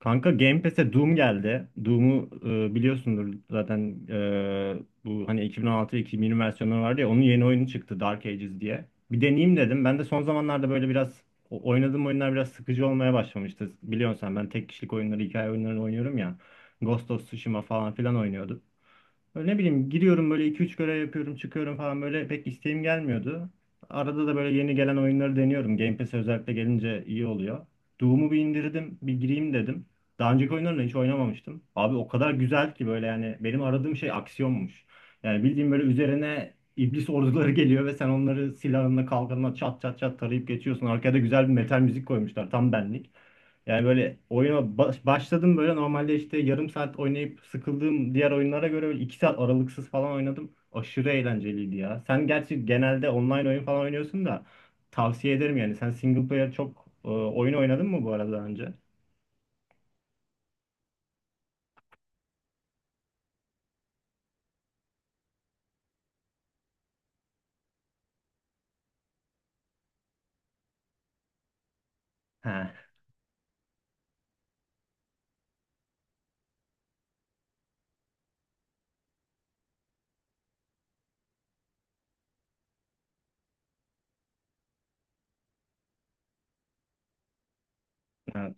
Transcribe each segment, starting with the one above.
Kanka Game Pass'e Doom geldi. Doom'u biliyorsundur zaten bu hani 2016-2020 versiyonları vardı ya onun yeni oyunu çıktı Dark Ages diye. Bir deneyeyim dedim. Ben de son zamanlarda böyle biraz oynadığım oyunlar biraz sıkıcı olmaya başlamıştı. Biliyorsun sen ben tek kişilik oyunları, hikaye oyunlarını oynuyorum ya. Ghost of Tsushima falan filan oynuyordum. Böyle ne bileyim giriyorum böyle iki üç görev yapıyorum çıkıyorum falan böyle pek isteğim gelmiyordu. Arada da böyle yeni gelen oyunları deniyorum. Game Pass'e özellikle gelince iyi oluyor. Doom'u bir indirdim bir gireyim dedim. Daha önceki oyunlarını hiç oynamamıştım. Abi o kadar güzel ki böyle yani benim aradığım şey aksiyonmuş. Yani bildiğim böyle üzerine iblis orduları geliyor ve sen onları silahınla kalkanla çat çat çat tarayıp geçiyorsun. Arkada güzel bir metal müzik koymuşlar tam benlik. Yani böyle oyuna başladım böyle normalde işte yarım saat oynayıp sıkıldığım diğer oyunlara göre böyle 2 saat aralıksız falan oynadım. Aşırı eğlenceliydi ya. Sen gerçi genelde online oyun falan oynuyorsun da tavsiye ederim yani. Sen single player çok oyun oynadın mı bu arada daha önce? He. Ha.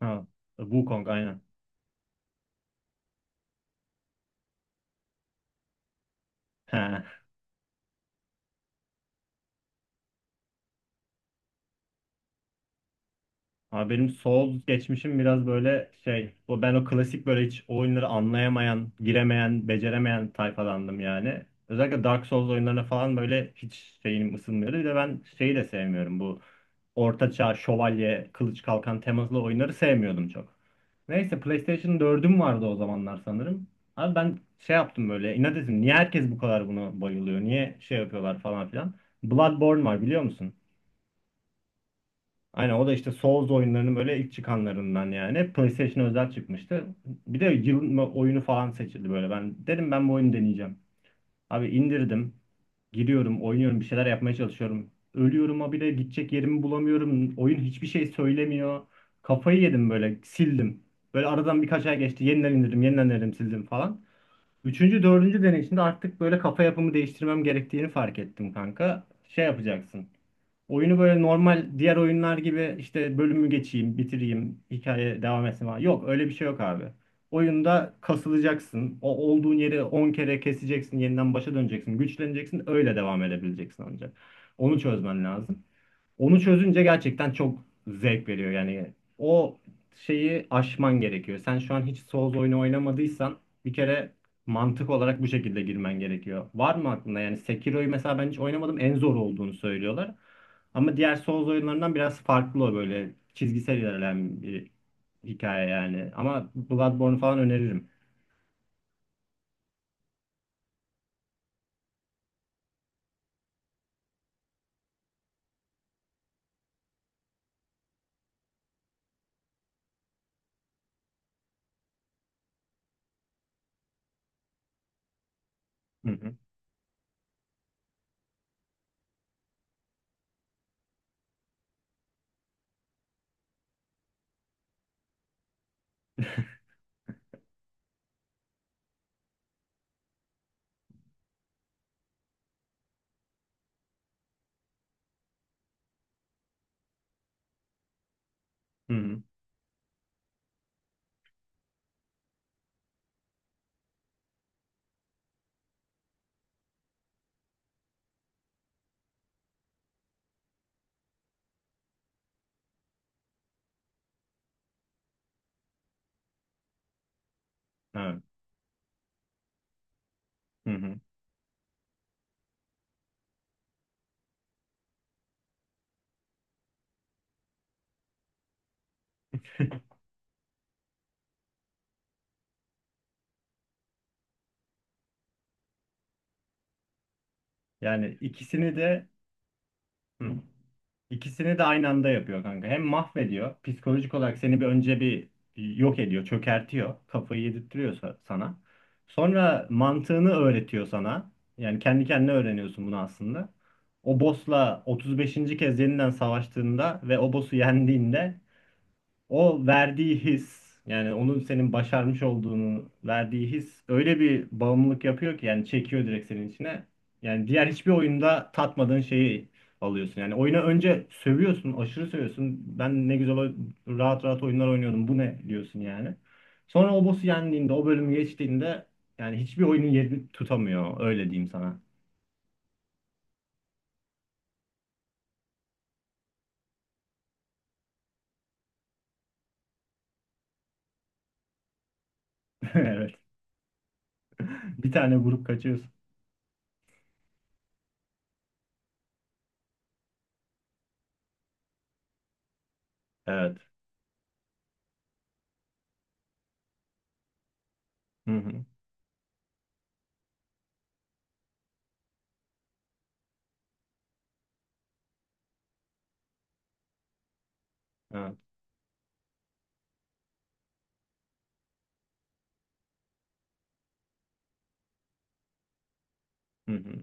Ha. Wukong aynen. He. Abi benim Souls geçmişim biraz böyle şey, o ben o klasik böyle hiç o oyunları anlayamayan, giremeyen, beceremeyen tayfadandım yani. Özellikle Dark Souls oyunlarına falan böyle hiç şeyim ısınmıyordu. Bir de ben şeyi de sevmiyorum bu ortaçağ, şövalye, kılıç kalkan temalı oyunları sevmiyordum çok. Neyse PlayStation dördüm vardı o zamanlar sanırım. Abi ben şey yaptım böyle inat ettim. Niye herkes bu kadar buna bayılıyor? Niye şey yapıyorlar falan filan. Bloodborne var biliyor musun? Aynen o da işte Souls oyunlarının böyle ilk çıkanlarından yani. PlayStation özel çıkmıştı. Bir de yılın oyunu falan seçildi böyle. Ben dedim ben bu oyunu deneyeceğim. Abi indirdim. Giriyorum, oynuyorum, bir şeyler yapmaya çalışıyorum. Ölüyorum ha bile gidecek yerimi bulamıyorum. Oyun hiçbir şey söylemiyor. Kafayı yedim böyle, sildim. Böyle aradan birkaç ay geçti. Yeniden indirdim, yeniden indirdim, sildim falan. Üçüncü, dördüncü deneyişimde artık böyle kafa yapımı değiştirmem gerektiğini fark ettim kanka. Şey yapacaksın. Oyunu böyle normal diğer oyunlar gibi işte bölümü geçeyim, bitireyim, hikaye devam etsin falan. Yok öyle bir şey yok abi. Oyunda kasılacaksın. O olduğun yeri 10 kere keseceksin, yeniden başa döneceksin, güçleneceksin, öyle devam edebileceksin ancak. Onu çözmen lazım. Onu çözünce gerçekten çok zevk veriyor. Yani o şeyi aşman gerekiyor. Sen şu an hiç Souls oyunu oynamadıysan bir kere mantık olarak bu şekilde girmen gerekiyor. Var mı aklında? Yani Sekiro'yu mesela ben hiç oynamadım. En zor olduğunu söylüyorlar. Ama diğer Souls oyunlarından biraz farklı o böyle çizgisel ilerleyen bir hikaye yani. Ama Bloodborne falan öneririm. Hı hı. Hı hı. Evet. Hı hı. Yani ikisini de. Hı. İkisini de aynı anda yapıyor kanka. Hem mahvediyor, psikolojik olarak seni bir önce bir yok ediyor, çökertiyor, kafayı yedirtiyor sana. Sonra mantığını öğretiyor sana. Yani kendi kendine öğreniyorsun bunu aslında. O boss'la 35. kez yeniden savaştığında ve o boss'u yendiğinde o verdiği his yani onun senin başarmış olduğunu verdiği his öyle bir bağımlılık yapıyor ki yani çekiyor direkt senin içine. Yani diğer hiçbir oyunda tatmadığın şeyi alıyorsun. Yani oyuna önce sövüyorsun, aşırı sövüyorsun. Ben ne güzel rahat rahat oyunlar oynuyordum. Bu ne diyorsun yani. Sonra o boss'u yendiğinde, o bölümü geçtiğinde yani hiçbir oyunun yerini tutamıyor. Öyle diyeyim sana. Evet. Bir tane vurup kaçıyorsun. Evet. Hı hı. Evet. Hı hı.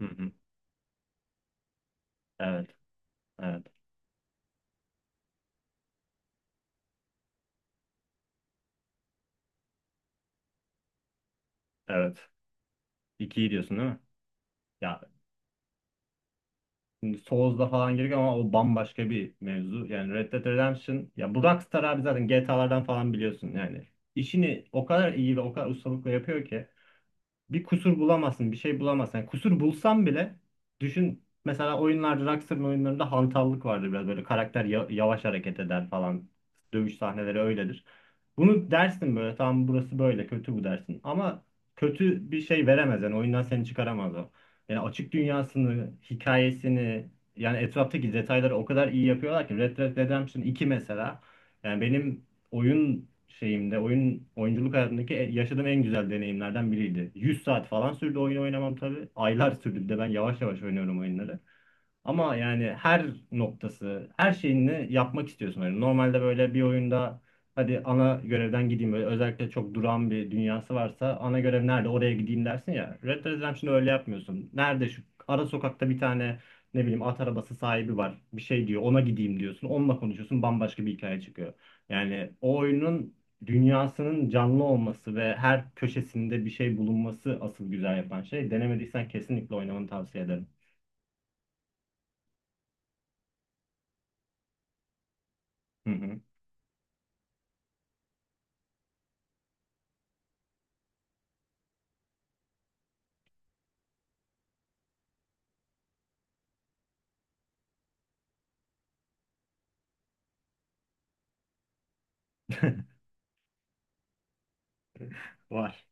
Hı hı. Evet. Evet. Evet. 2'yi diyorsun değil mi? Ya şimdi Souls'da falan giriyor ama o bambaşka bir mevzu. Yani Red Dead Redemption ya bu Rockstar abi zaten GTA'lardan falan biliyorsun yani. İşini o kadar iyi ve o kadar ustalıkla yapıyor ki bir kusur bulamazsın, bir şey bulamazsın. Yani kusur bulsam bile düşün mesela oyunlarda Rockstar'ın oyunlarında hantallık vardır biraz böyle karakter yavaş hareket eder falan. Dövüş sahneleri öyledir. Bunu dersin böyle tamam burası böyle kötü bu dersin ama kötü bir şey veremez yani oyundan seni çıkaramaz o. Yani açık dünyasını, hikayesini yani etraftaki detayları o kadar iyi yapıyorlar ki Red Dead Redemption iki mesela yani benim oyun şeyimde, oyun oyunculuk hayatındaki yaşadığım en güzel deneyimlerden biriydi. 100 saat falan sürdü oyun oynamam tabii. Aylar sürdü bir de ben yavaş yavaş oynuyorum oyunları. Ama yani her noktası, her şeyini yapmak istiyorsun. Yani normalde böyle bir oyunda hadi ana görevden gideyim böyle özellikle çok duran bir dünyası varsa ana görev nerede oraya gideyim dersin ya. Red Dead Redemption'da öyle yapmıyorsun. Nerede şu ara sokakta bir tane ne bileyim at arabası sahibi var. Bir şey diyor ona gideyim diyorsun. Onunla konuşuyorsun bambaşka bir hikaye çıkıyor. Yani o oyunun dünyasının canlı olması ve her köşesinde bir şey bulunması asıl güzel yapan şey. Denemediysen kesinlikle oynamanı tavsiye ederim. Hı hı. Var.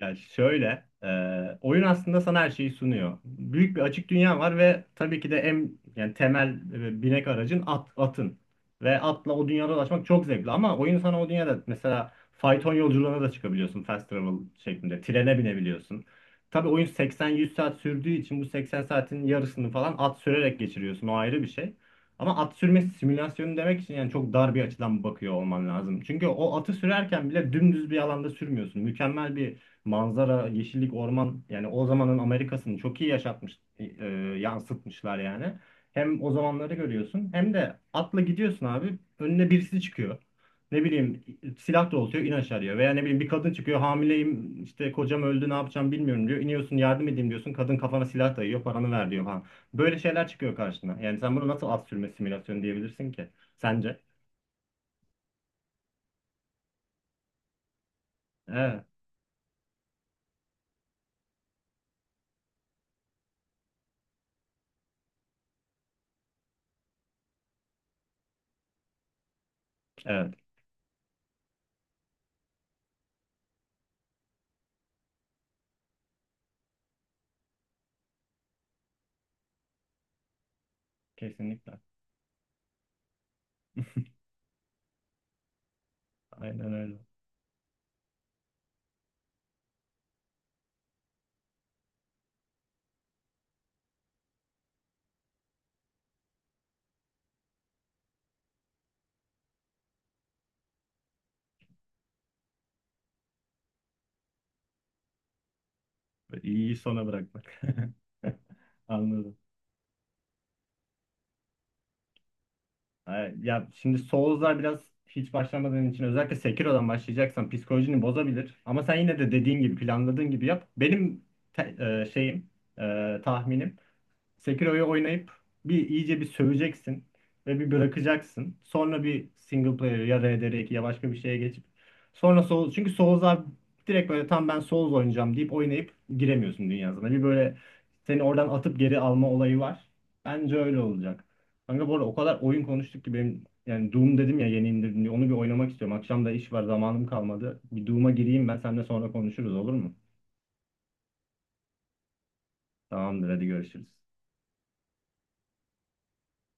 Yani şöyle, oyun aslında sana her şeyi sunuyor. Büyük bir açık dünya var ve tabii ki de en yani temel binek aracın at, atın. Ve atla o dünyada dolaşmak çok zevkli ama oyun sana o dünyada mesela fayton yolculuğuna da çıkabiliyorsun fast travel şeklinde. Trene binebiliyorsun. Tabii oyun 80-100 saat sürdüğü için bu 80 saatin yarısını falan at sürerek geçiriyorsun. O ayrı bir şey. Ama at sürme simülasyonu demek için yani çok dar bir açıdan bakıyor olman lazım. Çünkü o atı sürerken bile dümdüz bir alanda sürmüyorsun. Mükemmel bir manzara, yeşillik, orman yani o zamanın Amerika'sını çok iyi yaşatmış, yansıtmışlar yani. Hem o zamanları görüyorsun hem de atla gidiyorsun abi önüne birisi çıkıyor. Ne bileyim silah doğrultuyor in aşağı diyor. Veya ne bileyim bir kadın çıkıyor hamileyim işte kocam öldü ne yapacağım bilmiyorum diyor. İniyorsun yardım edeyim diyorsun kadın kafana silah dayıyor paranı ver diyor falan. Böyle şeyler çıkıyor karşına. Yani sen bunu nasıl at sürme simülasyonu diyebilirsin ki sence? Evet, evet kesinlikle aynen öyle. İyiyi sona bırakmak. Anladım. Ha, ya şimdi Souls'lar biraz hiç başlamadığın için özellikle Sekiro'dan başlayacaksan psikolojini bozabilir. Ama sen yine de dediğin gibi planladığın gibi yap. Benim te- şeyim tahminim Sekiro'yu oynayıp bir iyice bir söveceksin ve bir bırakacaksın. Sonra bir single player ya RDR2 ya başka bir şeye geçip sonra Souls çünkü Souls'a direkt böyle tam ben Souls oynayacağım deyip oynayıp giremiyorsun dünyasına. Bir böyle seni oradan atıp geri alma olayı var. Bence öyle olacak. Kanka bu arada o kadar oyun konuştuk ki benim yani Doom dedim ya yeni indirdim diye onu bir oynamak istiyorum. Akşam da iş var zamanım kalmadı. Bir Doom'a gireyim ben seninle sonra konuşuruz olur mu? Tamamdır hadi görüşürüz.